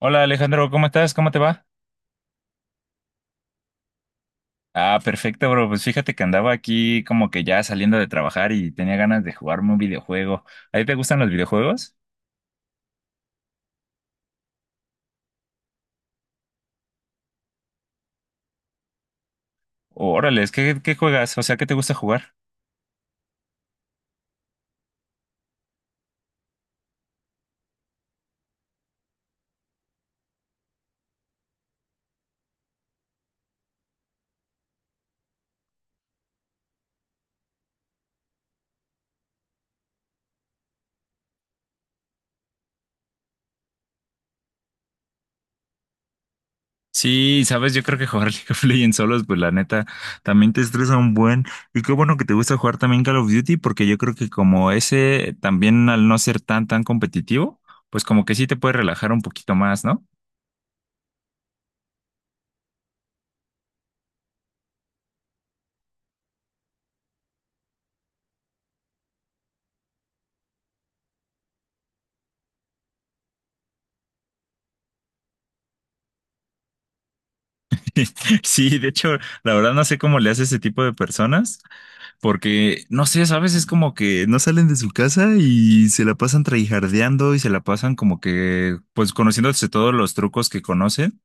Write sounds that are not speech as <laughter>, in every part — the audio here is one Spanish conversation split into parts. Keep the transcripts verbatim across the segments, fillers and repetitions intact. Hola Alejandro, ¿cómo estás? ¿Cómo te va? Ah, perfecto, bro. Pues fíjate que andaba aquí como que ya saliendo de trabajar y tenía ganas de jugarme un videojuego. ¿A ti te gustan los videojuegos? Órale, ¿qué, qué juegas? O sea, ¿qué te gusta jugar? Sí, sabes, yo creo que jugar <laughs> League of Legends solos, pues la neta, también te estresa un buen. Y qué bueno que te gusta jugar también Call of Duty, porque yo creo que como ese también al no ser tan, tan competitivo, pues como que sí te puede relajar un poquito más, ¿no? <laughs> Sí, de hecho, la verdad no sé cómo le hace ese tipo de personas. Porque, no sé, ¿sabes? Es como que no salen de su casa y se la pasan traijardeando y se la pasan como que, pues, conociéndose todos los trucos que conocen.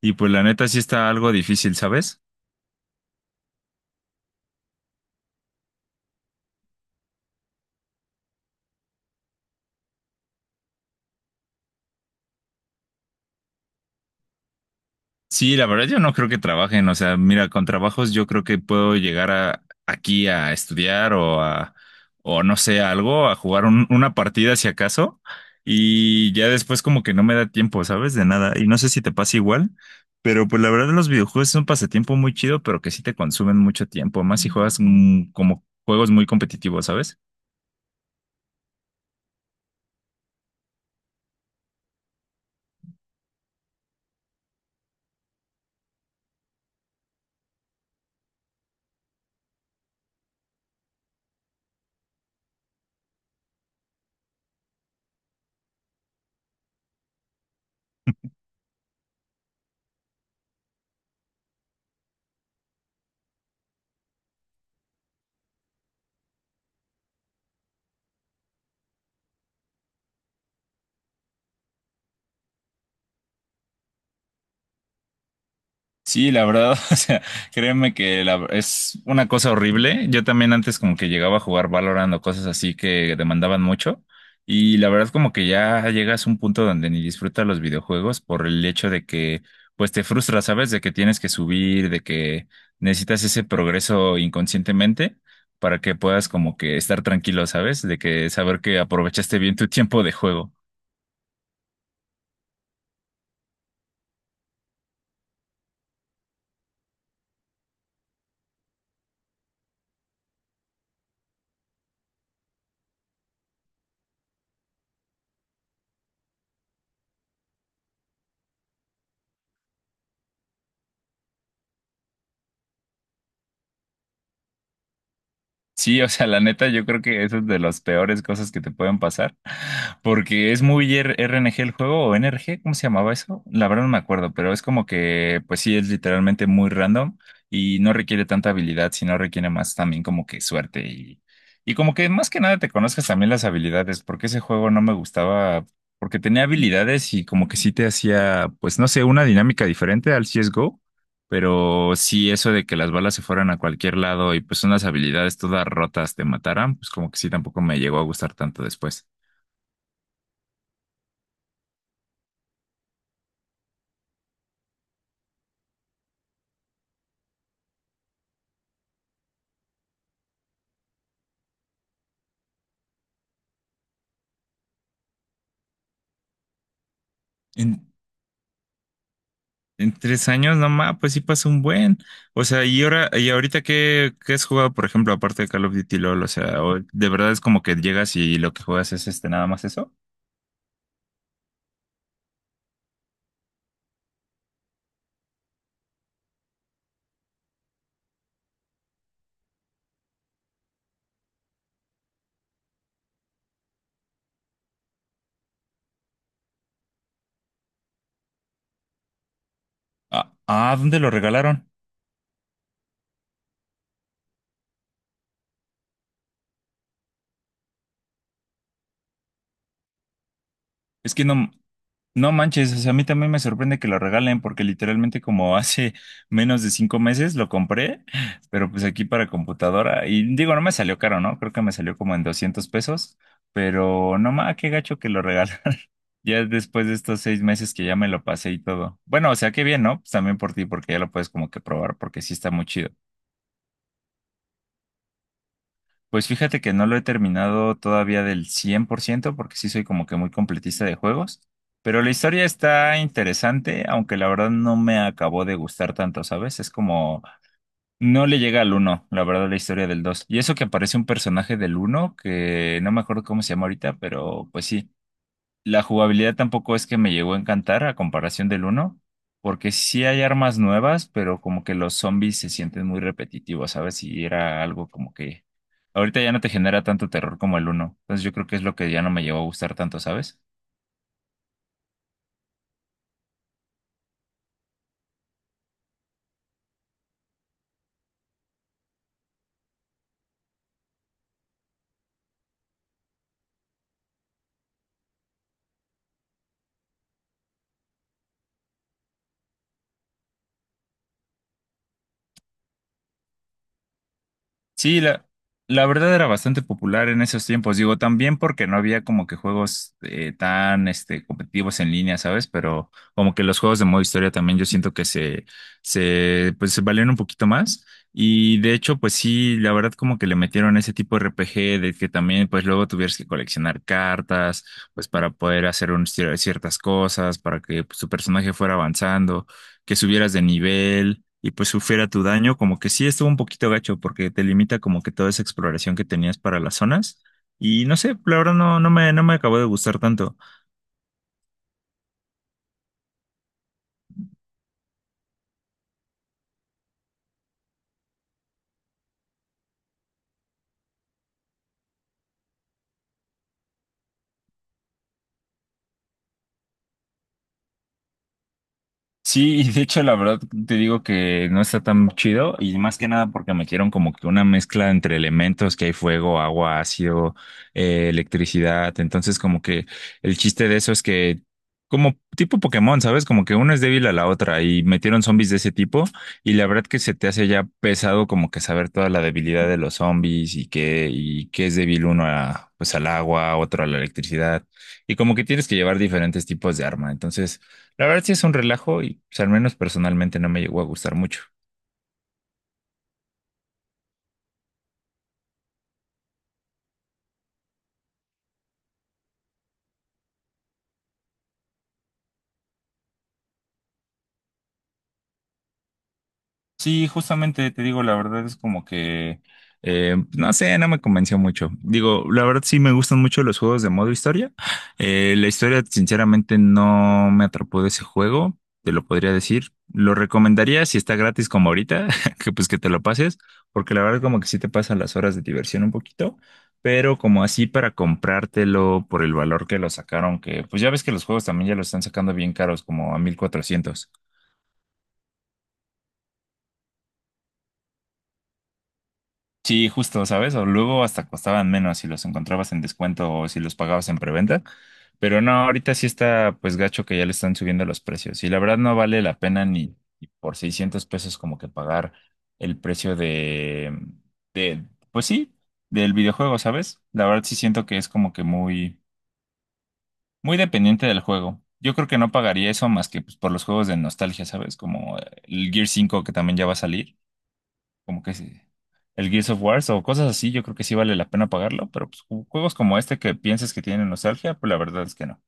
Y pues la neta sí está algo difícil, ¿sabes? Sí, la verdad yo no creo que trabajen, o sea, mira, con trabajos yo creo que puedo llegar a, aquí a estudiar o a, o no sé, a algo, a jugar un- una partida si acaso, y ya después como que no me da tiempo, ¿sabes? De nada, y no sé si te pasa igual, pero pues la verdad los videojuegos es un pasatiempo muy chido, pero que sí te consumen mucho tiempo, más si juegas mm, como juegos muy competitivos, ¿sabes? Sí, la verdad, <laughs> o sea, créeme que la- es una cosa horrible. Yo también antes como que llegaba a jugar Valorant o cosas así que demandaban mucho. Y la verdad como que ya llegas a un punto donde ni disfrutas los videojuegos por el hecho de que pues te frustras, ¿sabes? De que tienes que subir, de que necesitas ese progreso inconscientemente para que puedas como que estar tranquilo, ¿sabes? De que saber que aprovechaste bien tu <laughs> tiempo de juego. Sí, o sea, la neta, yo creo que eso es de las peores cosas que te pueden pasar. Porque es muy R- RNG el juego, o N R G, ¿cómo se llamaba eso? La verdad no me acuerdo, pero es como que, pues sí, es literalmente muy random y no requiere tanta habilidad, sino requiere más también como que suerte y, y como que más que nada te conozcas también las habilidades, porque ese juego no me gustaba, porque tenía habilidades y como que sí te hacía, pues no sé, una dinámica diferente al C S G O, pero sí eso de que las balas se fueran a cualquier lado y pues unas habilidades todas rotas te mataran, pues como que sí tampoco me llegó a gustar tanto después. En tres años nomás, pues sí pasa un buen. O sea, y ahora, y ahorita qué, ¿qué has jugado? Por ejemplo, aparte de Call of Duty LOL, o sea, o- de verdad es como que llegas y lo que juegas es este nada más eso. Ah, ah, ¿dónde lo regalaron? Es que no, no manches, o sea, a mí también me sorprende que lo regalen, porque literalmente como <laughs> hace menos de cinco meses lo compré, pero pues aquí para computadora, y digo, no me salió caro, ¿no? Creo que me salió como en doscientos pesos, pero no más, qué gacho que lo regalaron. Ya después de estos seis meses que ya me lo pasé y todo. Bueno, o sea, qué bien, ¿no? Pues también por ti, porque ya lo puedes como que probar, porque sí está muy chido. Pues fíjate que no lo he terminado todavía del cien por ciento porque sí soy como que muy completista de juegos. Pero la historia está interesante, aunque la verdad no me acabó de gustar tanto, ¿sabes? Es como, no le llega al uno, la verdad, la historia del dos. Y eso que aparece un personaje del uno, que no me acuerdo cómo se llama ahorita, pero pues sí. La jugabilidad tampoco es que me llegó a encantar a comparación del uno, porque sí hay armas nuevas, pero como que los zombies se sienten muy repetitivos, ¿sabes? Y era algo como que ahorita ya no te genera tanto terror como el uno. Entonces yo creo que es lo que ya no me llegó a gustar tanto, ¿sabes? Sí, la, la verdad era bastante popular en esos tiempos, digo, también porque no había como que juegos eh, tan este, competitivos en línea, ¿sabes? Pero como que los juegos de modo historia también yo siento que se, se, pues, se valieron un poquito más. Y de hecho, pues sí, la verdad como que le metieron ese tipo de R P G de que también pues luego tuvieras que coleccionar cartas, pues para poder hacer un cier- ciertas cosas, para que pues, tu personaje fuera avanzando, que subieras de nivel y pues sufriera tu daño, como que sí estuvo un poquito gacho porque te limita como que toda esa exploración que tenías para las zonas. Y no sé, la verdad no, no me, no me acabó de gustar tanto. Sí, y de hecho la verdad te digo que no está tan chido y más que nada porque metieron como que una mezcla entre elementos que hay fuego, agua, ácido, eh, electricidad, entonces como que el chiste de eso es que como tipo Pokémon, ¿sabes? Como que una es débil a la otra y metieron zombies de ese tipo y la verdad que se te hace ya pesado como que saber toda la debilidad de los zombies y que y qué es débil uno a pues al agua, otro a la electricidad y como que tienes que llevar diferentes tipos de arma, entonces la verdad sí es un relajo y pues, al menos personalmente no me llegó a gustar mucho. Sí, justamente te digo, la verdad es como que, eh, no sé, no me convenció mucho. Digo, la verdad sí me gustan mucho los juegos de modo historia. Eh, la historia, sinceramente, no me atrapó de ese juego, te lo podría decir. Lo recomendaría si está gratis como ahorita, <laughs> que pues que te lo pases, porque la verdad como que sí te pasan las horas de diversión un poquito, pero como así para comprártelo por el valor que lo sacaron, que pues ya ves que los juegos también ya lo están sacando bien caros, como a mil cuatrocientos. Sí, justo, ¿sabes? O luego hasta costaban menos si los encontrabas en descuento o si los pagabas en preventa. Pero no, ahorita sí está pues gacho que ya le están subiendo los precios. Y la verdad no vale la pena ni, ni por seiscientos pesos como que pagar el precio de, de, pues sí, del videojuego, ¿sabes? La verdad sí siento que es como que muy, muy dependiente del juego. Yo creo que no pagaría eso más que pues, por los juegos de nostalgia, ¿sabes? Como eh, el Gear cinco que también ya va a salir, como que sí, el Gears of War o cosas así, yo creo que sí vale la pena pagarlo, pero pues, ju- juegos como este que piensas que tienen nostalgia, pues la verdad es que no.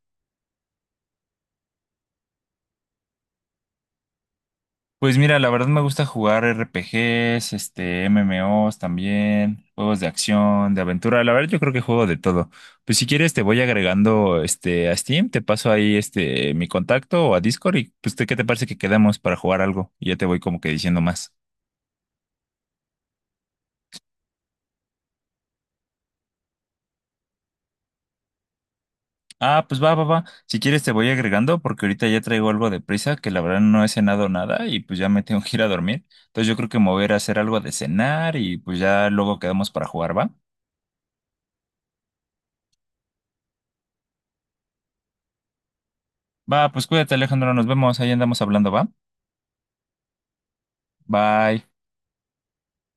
Pues mira, la verdad me gusta jugar R P Gs, este, M M Os también, juegos de acción, de aventura, la verdad yo creo que juego de todo. Pues si quieres te voy agregando este a Steam, te paso ahí este mi contacto o a Discord y pues te- ¿qué te parece que quedamos para jugar algo? Y ya te voy como que diciendo más. Ah, pues va, va, va. Si quieres te voy agregando porque ahorita ya traigo algo de prisa que la verdad no he cenado nada y pues ya me tengo que ir a dormir. Entonces yo creo que me voy a ir a hacer algo de cenar y pues ya luego quedamos para jugar, ¿va? Va, pues cuídate, Alejandro, nos vemos, ahí andamos hablando, ¿va? Bye.